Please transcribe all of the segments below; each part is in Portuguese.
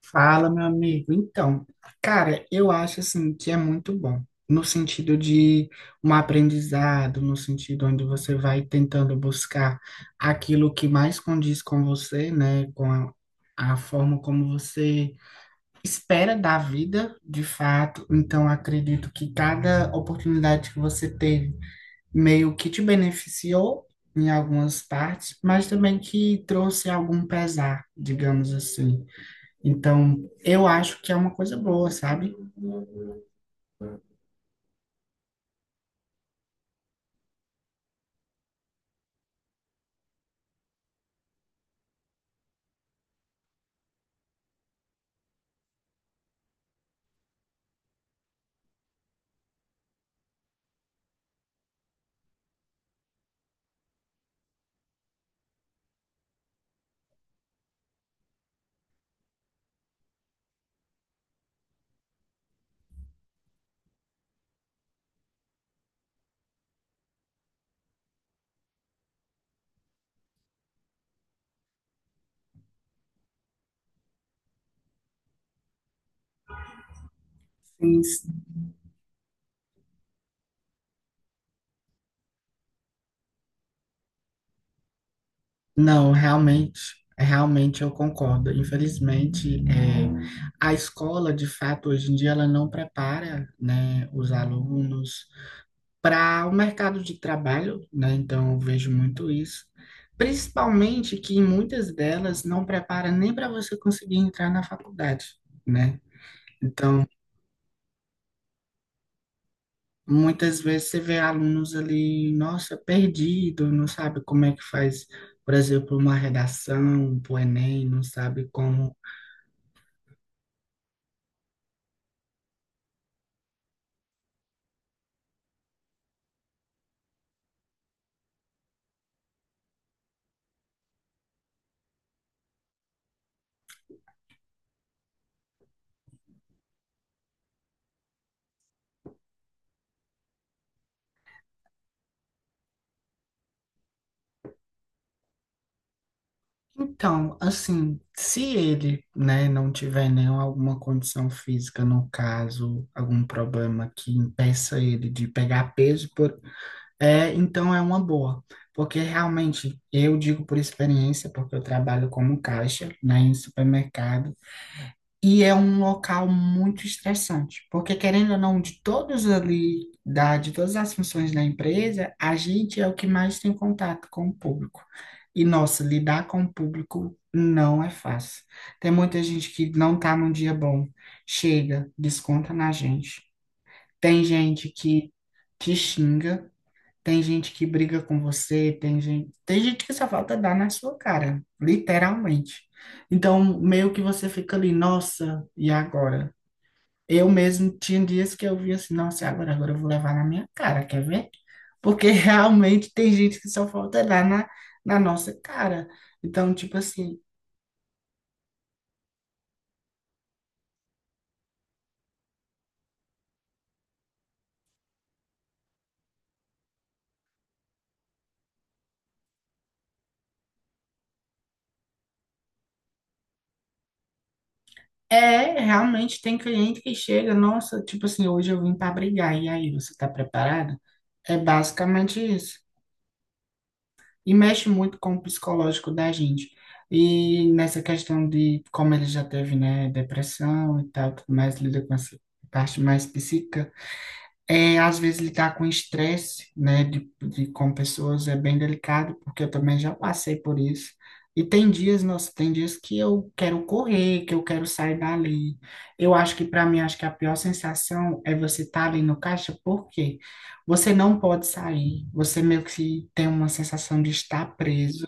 Fala, meu amigo. Então, cara, eu acho assim que é muito bom, no sentido de um aprendizado, no sentido onde você vai tentando buscar aquilo que mais condiz com você, né, com a forma como você espera da vida, de fato. Então, acredito que cada oportunidade que você teve meio que te beneficiou em algumas partes, mas também que trouxe algum pesar, digamos assim. Então, eu acho que é uma coisa boa, sabe? Sim, não, realmente eu concordo. Infelizmente, a escola, de fato, hoje em dia, ela não prepara, né, os alunos para o mercado de trabalho, né? Então, eu vejo muito isso. Principalmente que muitas delas não prepara nem para você conseguir entrar na faculdade, né? Então, muitas vezes você vê alunos ali, nossa, perdido, não sabe como é que faz, por exemplo, uma redação para o Enem, não sabe como. Então, assim, se ele, né, não tiver nenhuma alguma condição física, no caso, algum problema que impeça ele de pegar peso, é, então é uma boa. Porque realmente, eu digo por experiência, porque eu trabalho como caixa, né, em supermercado. E é um local muito estressante, porque querendo ou não, de todos ali, de todas as funções da empresa, a gente é o que mais tem contato com o público. E, nossa, lidar com o público não é fácil. Tem muita gente que não tá num dia bom, chega, desconta na gente. Tem gente que te xinga, tem gente que briga com você, tem gente que só falta dar na sua cara, literalmente. Então, meio que você fica ali, nossa, e agora? Eu mesmo tinha dias que eu via assim, nossa, e agora, agora eu vou levar na minha cara, quer ver? Porque realmente tem gente que só falta dar na nossa cara. Então, tipo assim, é, realmente tem cliente que chega, nossa, tipo assim, hoje eu vim para brigar, e aí, você tá preparado? É basicamente isso. E mexe muito com o psicológico da gente. E nessa questão de como ele já teve, né, depressão e tal, tudo mais, lida com essa parte mais psíquica, é, às vezes lidar com estresse, né, com pessoas é bem delicado, porque eu também já passei por isso. E tem dias, nossa, tem dias que eu quero correr, que eu quero sair dali. Eu acho que para mim, acho que a pior sensação é você estar ali no caixa, porque você não pode sair. Você meio que tem uma sensação de estar preso.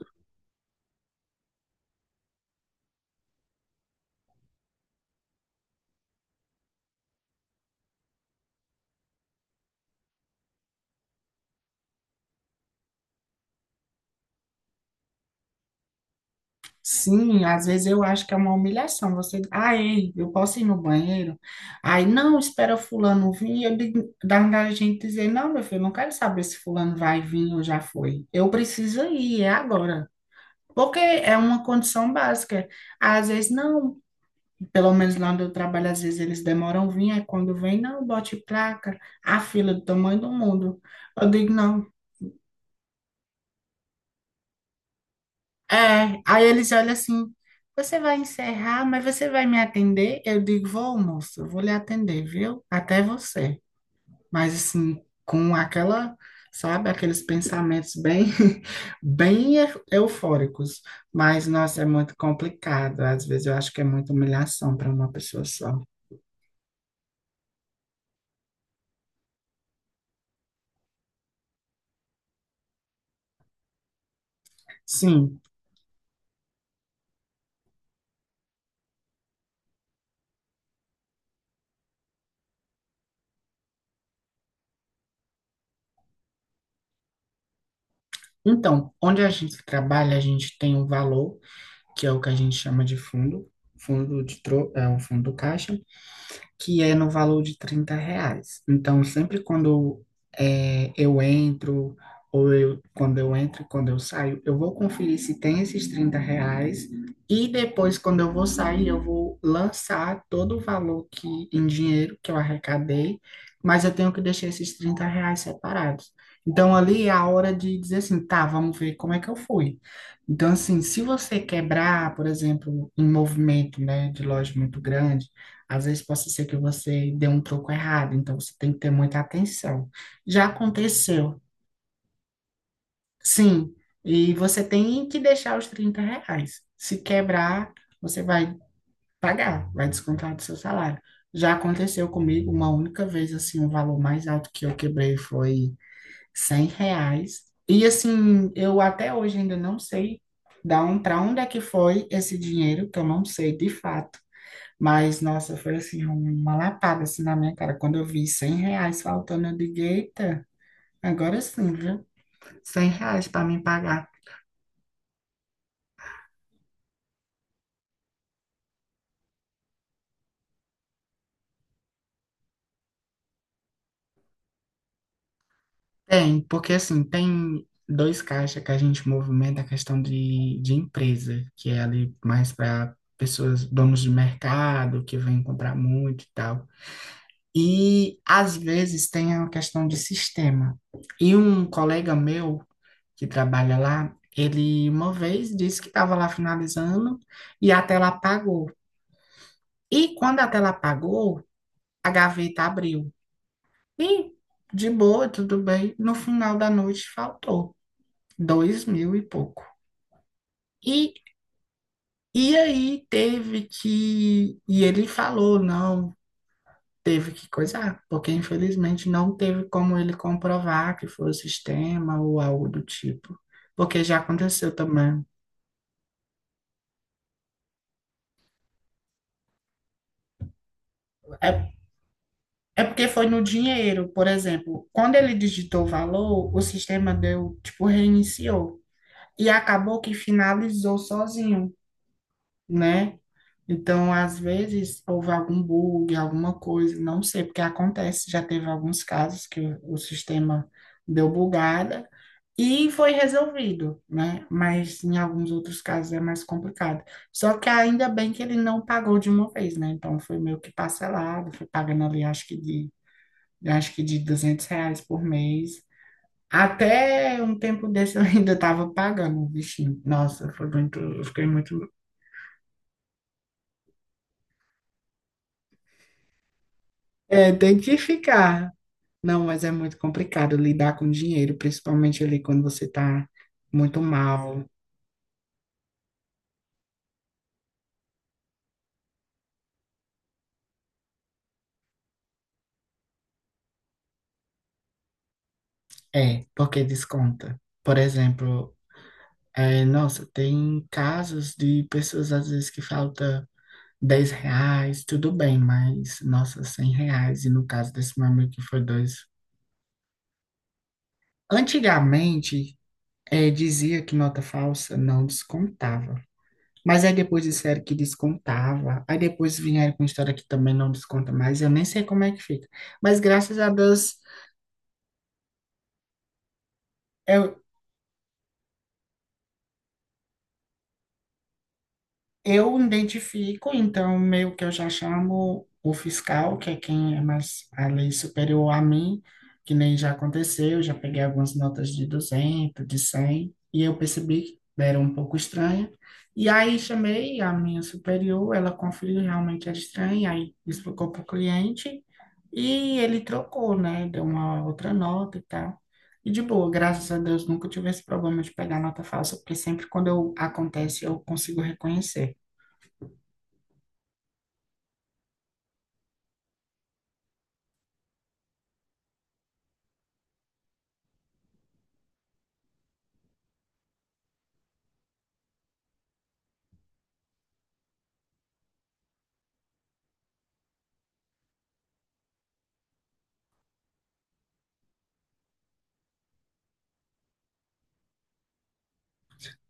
Sim, às vezes eu acho que é uma humilhação. Você, ah, ei, eu posso ir no banheiro? Aí, não, espera fulano vir. Eu digo, dá vontade de gente dizer, não, meu filho, eu não quero saber se fulano vai vir ou já foi. Eu preciso ir, é agora. Porque é uma condição básica. Às vezes, não, pelo menos lá onde eu trabalho, às vezes eles demoram vir, aí quando vem, não, bote placa, a fila do tamanho do mundo. Eu digo, não. É, aí eles olham assim, você vai encerrar, mas você vai me atender? Eu digo, vou, moço, eu vou lhe atender, viu? Até você. Mas assim, com aquela, sabe, aqueles pensamentos bem, bem eufóricos. Mas, nossa, é muito complicado. Às vezes eu acho que é muita humilhação para uma pessoa só. Sim. Então, onde a gente trabalha, a gente tem um valor, que é o que a gente chama de fundo, fundo de tro é o fundo caixa, que é no valor de 30 reais. Então, sempre quando eu entro, ou eu, quando eu entro e quando eu saio, eu vou conferir se tem esses 30 reais, e depois, quando eu vou sair, eu vou lançar todo o valor que, em dinheiro que eu arrecadei, mas eu tenho que deixar esses 30 reais separados. Então, ali é a hora de dizer assim, tá, vamos ver como é que eu fui. Então, assim, se você quebrar, por exemplo, um movimento, né, de loja muito grande, às vezes pode ser que você dê um troco errado, então você tem que ter muita atenção. Já aconteceu, sim, e você tem que deixar os 30 reais. Se quebrar, você vai pagar, vai descontar do seu salário. Já aconteceu comigo uma única vez, assim, o valor mais alto que eu quebrei foi 100 reais. E assim, eu até hoje ainda não sei para onde é que foi esse dinheiro, que eu não sei de fato. Mas, nossa, foi assim, uma lapada assim na minha cara. Quando eu vi 100 reais faltando, eu digo, eita, agora sim, viu? 100 reais para mim pagar. Tem, porque assim, tem dois caixas que a gente movimenta a questão de empresa, que é ali mais para pessoas, donos de mercado, que vêm comprar muito e tal. E às vezes tem a questão de sistema. E um colega meu, que trabalha lá, ele uma vez disse que estava lá finalizando e a tela apagou. E quando a tela apagou, a gaveta abriu. E de boa, tudo bem. No final da noite faltou 2.000 e pouco. E, e aí teve que. E ele falou, não, teve que coisar, porque infelizmente não teve como ele comprovar que foi o sistema ou algo do tipo. Porque já aconteceu também. É É porque foi no dinheiro, por exemplo. Quando ele digitou o valor, o sistema deu, tipo, reiniciou. E acabou que finalizou sozinho, né? Então, às vezes, houve algum bug, alguma coisa, não sei, porque acontece. Já teve alguns casos que o sistema deu bugada e foi resolvido, né? Mas em alguns outros casos é mais complicado. Só que ainda bem que ele não pagou de uma vez, né? Então, foi meio que parcelado, foi pagando ali, acho que de eu acho que de 200 reais por mês. Até um tempo desse eu ainda estava pagando o bichinho. Nossa, foi muito, eu fiquei muito. É, tem que ficar. Não, mas é muito complicado lidar com dinheiro, principalmente ali quando você está muito mal. É, porque desconta. Por exemplo, nossa, tem casos de pessoas às vezes que falta 10 reais, tudo bem, mas nossa, 100 reais. E no caso desse meu amigo que foi dois. Antigamente, é, dizia que nota falsa não descontava. Mas aí depois disseram que descontava. Aí depois vieram com história que também não desconta mais. Eu nem sei como é que fica. Mas graças a Deus, eu, eu identifico, então, meio que eu já chamo o fiscal, que é quem é mais a lei superior a mim, que nem já aconteceu, já peguei algumas notas de 200, de 100, e eu percebi que era um pouco estranha. E aí chamei a minha superior, ela conferiu realmente era estranha, aí explicou para o cliente, e ele trocou, né? Deu uma outra nota e tal. E de boa, graças a Deus, nunca tive esse problema de pegar nota falsa, porque sempre quando eu, acontece eu consigo reconhecer.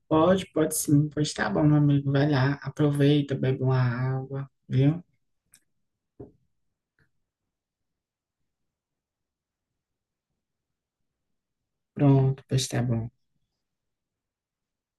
Pode, pode sim. Pois tá bom, meu amigo. Vai lá, aproveita, bebe uma água, viu? Pronto, pois tá bom.